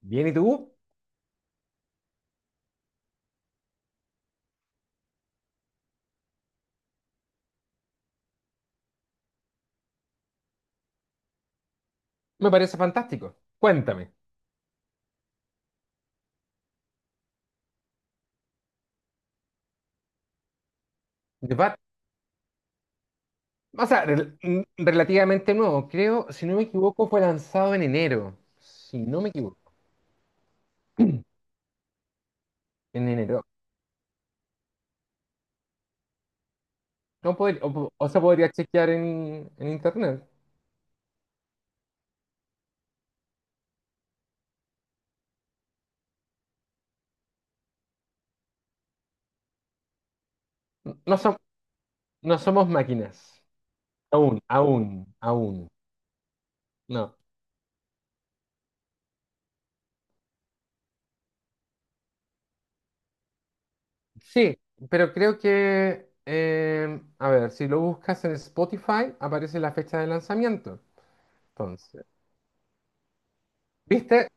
Bien, ¿y tú? Me parece fantástico. Cuéntame. The Bat- o sea, rel- mm, Relativamente nuevo. Creo, si no me equivoco, fue lanzado en enero. Si no me equivoco, en enero. No podría, o se podría chequear en internet. No, som- no somos máquinas. Aún, aún, aún. No. Sí, pero creo que, a ver, si lo buscas en Spotify, aparece la fecha de lanzamiento. Entonces, ¿viste?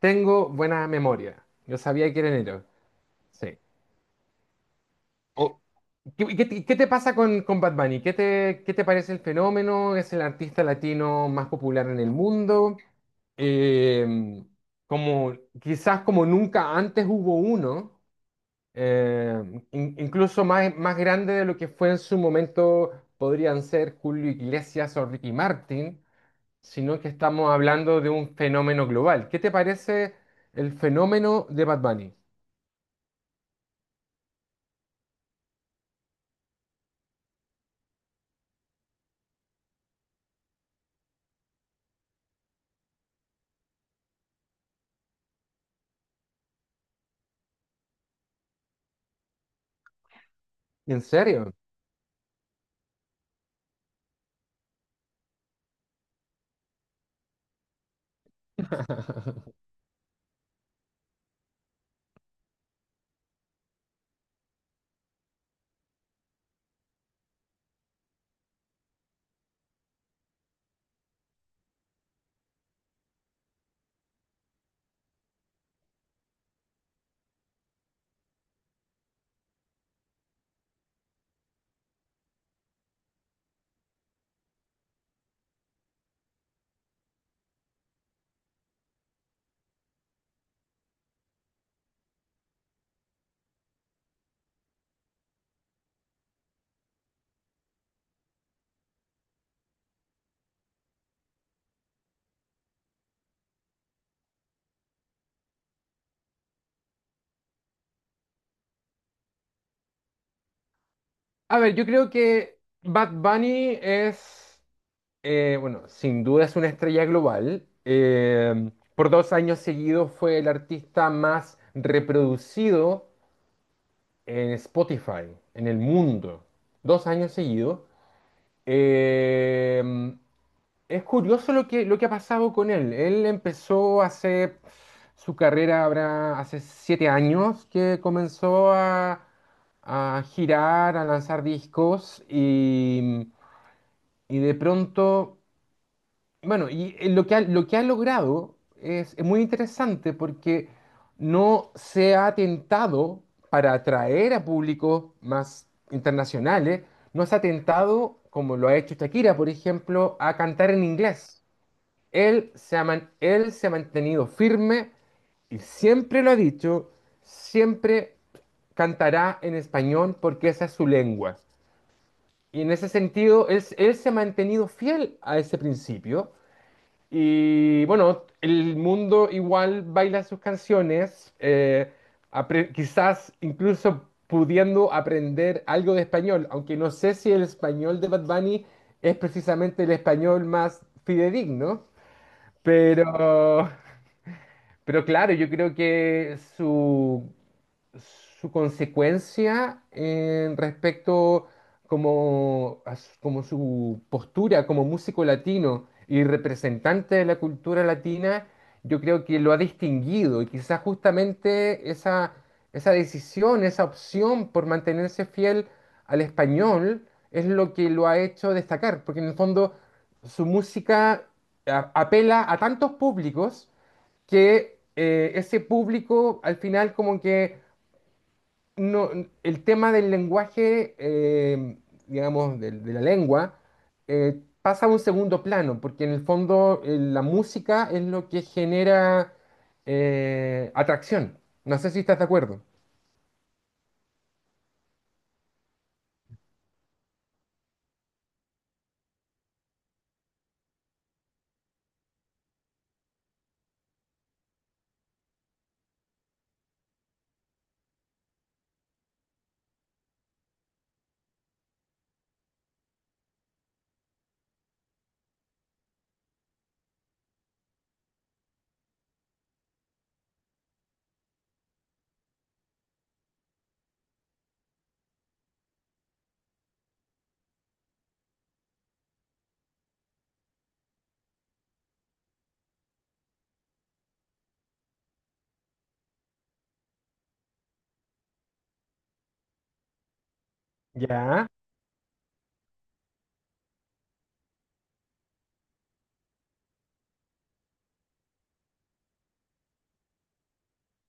Tengo buena memoria. Yo sabía que era enero. Sí. O- ¿Qué, qué te pasa con Bad Bunny? Qué te parece el fenómeno? ¿Es el artista latino más popular en el mundo? Eh, como, Quizás como nunca antes hubo uno, eh, incluso más, más grande de lo que fue en su momento podrían ser Julio Iglesias o Ricky Martin, sino que estamos hablando de un fenómeno global. ¿Qué te parece el fenómeno de Bad Bunny? ¿En serio? A ver, yo creo que Bad Bunny es, bueno, sin duda es una estrella global. Por dos años seguidos fue el artista más reproducido en Spotify, en el mundo. Dos años seguidos. Eh, es curioso lo que ha pasado con él. Él empezó hace su carrera, habrá hace 7 años que comenzó a girar, a lanzar discos y de pronto bueno, lo que ha logrado es muy interesante porque no se ha atentado para atraer a públicos más internacionales, no se ha atentado como lo ha hecho Shakira, por ejemplo, a cantar en inglés. Él se ha, él se ha mantenido firme y siempre lo ha dicho, siempre cantará en español porque esa es su lengua. Y en ese sentido, él se ha mantenido fiel a ese principio y bueno, el mundo igual baila sus canciones, quizás incluso pudiendo aprender algo de español, aunque no sé si el español de Bad Bunny es precisamente el español más fidedigno, pero, pero claro, yo creo que su consecuencia en respecto como, como su postura como músico latino y representante de la cultura latina, yo creo que lo ha distinguido y quizás justamente esa, esa decisión, esa opción por mantenerse fiel al español es lo que lo ha hecho destacar, porque en el fondo su música apela a tantos públicos que ese público al final como que no, el tema del lenguaje, digamos, de la lengua, pasa a un segundo plano, porque en el fondo la música es lo que genera atracción. No sé si estás de acuerdo. Ya.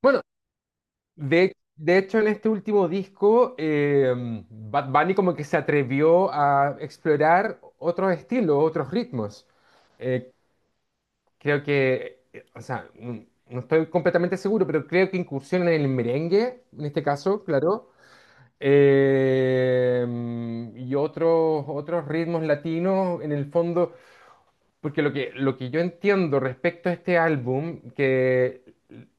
Bueno, de hecho en este último disco, Bad Bunny como que se atrevió a explorar otros estilos, otros ritmos. Eh, Creo que, o sea, no, no estoy completamente seguro, pero creo que incursionan en el merengue, en este caso, claro, eh, y otros, otros ritmos latinos, en el fondo, porque lo que yo entiendo respecto a este álbum, que,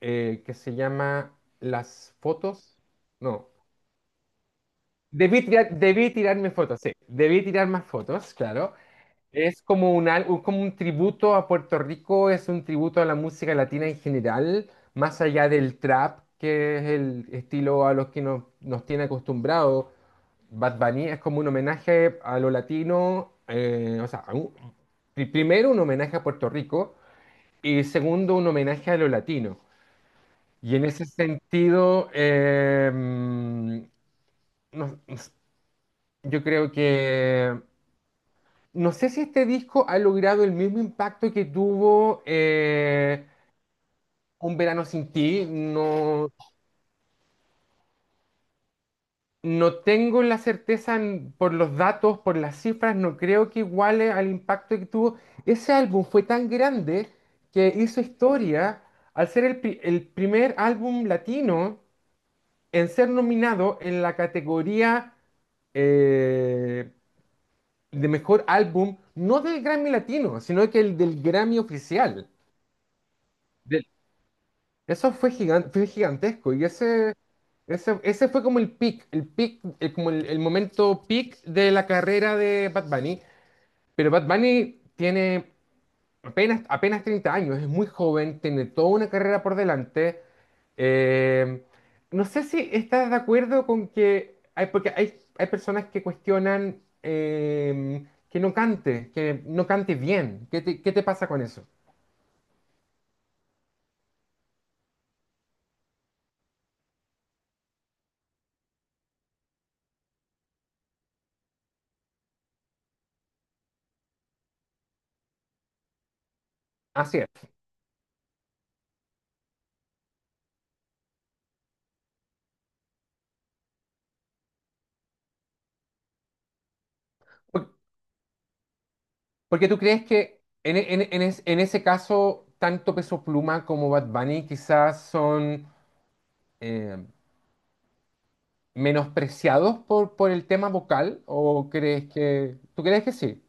eh, que se llama Las fotos, no, debí tirarme fotos, sí, debí tirar más fotos, claro. Es como como un tributo a Puerto Rico, es un tributo a la música latina en general, más allá del trap, que es el estilo a los que nos, nos tiene acostumbrados. Bad Bunny es como un homenaje a lo latino, o sea, primero un homenaje a Puerto Rico y segundo un homenaje a lo latino. Y en ese sentido, no- yo creo que no sé si este disco ha logrado el mismo impacto que tuvo Un verano sin ti. No, no tengo la certeza por los datos, por las cifras, no creo que iguale al impacto que tuvo. Ese álbum fue tan grande que hizo historia al ser el primer álbum latino en ser nominado en la categoría eh, de mejor álbum, no del Grammy Latino, sino que el del Grammy oficial. Eso fue fue gigantesco y ese fue como el peak, como el momento peak de la carrera de Bad Bunny. Pero Bad Bunny tiene apenas 30 años, es muy joven, tiene toda una carrera por delante. Eh, no sé si estás de acuerdo con que hay, porque hay personas que cuestionan que no cante bien. Qué te pasa con eso? Así es. Porque tú crees que en, e- en e- en es- en ese caso, tanto Peso Pluma como Bad Bunny quizás son eh, menospreciados por el tema vocal, ¿o crees que... ¿Tú crees que sí?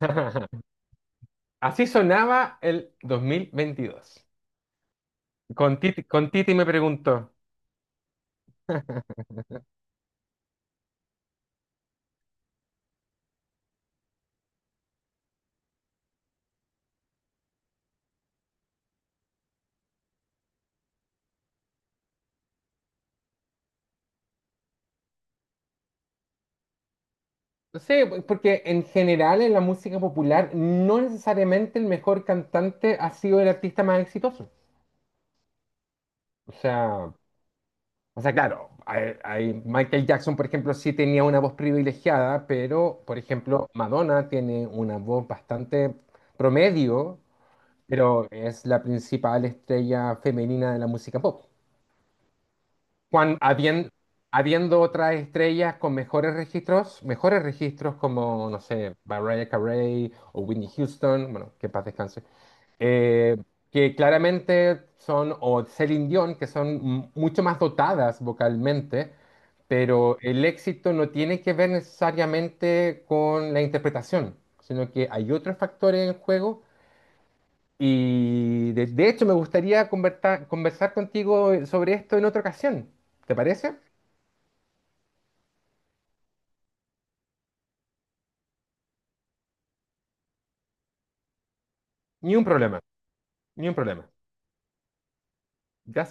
Así sonaba el 2022. Con Titi me preguntó. Sí, porque en general en la música popular no necesariamente el mejor cantante ha sido el artista más exitoso. O sea... o sea, claro, Michael Jackson, por ejemplo, sí tenía una voz privilegiada, pero, por ejemplo, Madonna tiene una voz bastante promedio, pero es la principal estrella femenina de la música pop. Cuan- habien- Habiendo otras estrellas con mejores registros como, no sé, Mariah Carey o Whitney Houston, bueno, que en paz descanse eh, que claramente son, o Celine Dion, que son mucho más dotadas vocalmente, pero el éxito no tiene que ver necesariamente con la interpretación, sino que hay otros factores en juego. Y de hecho me gustaría conversar contigo sobre esto en otra ocasión. ¿Te parece? Ni un problema, ni un problema. Gracias.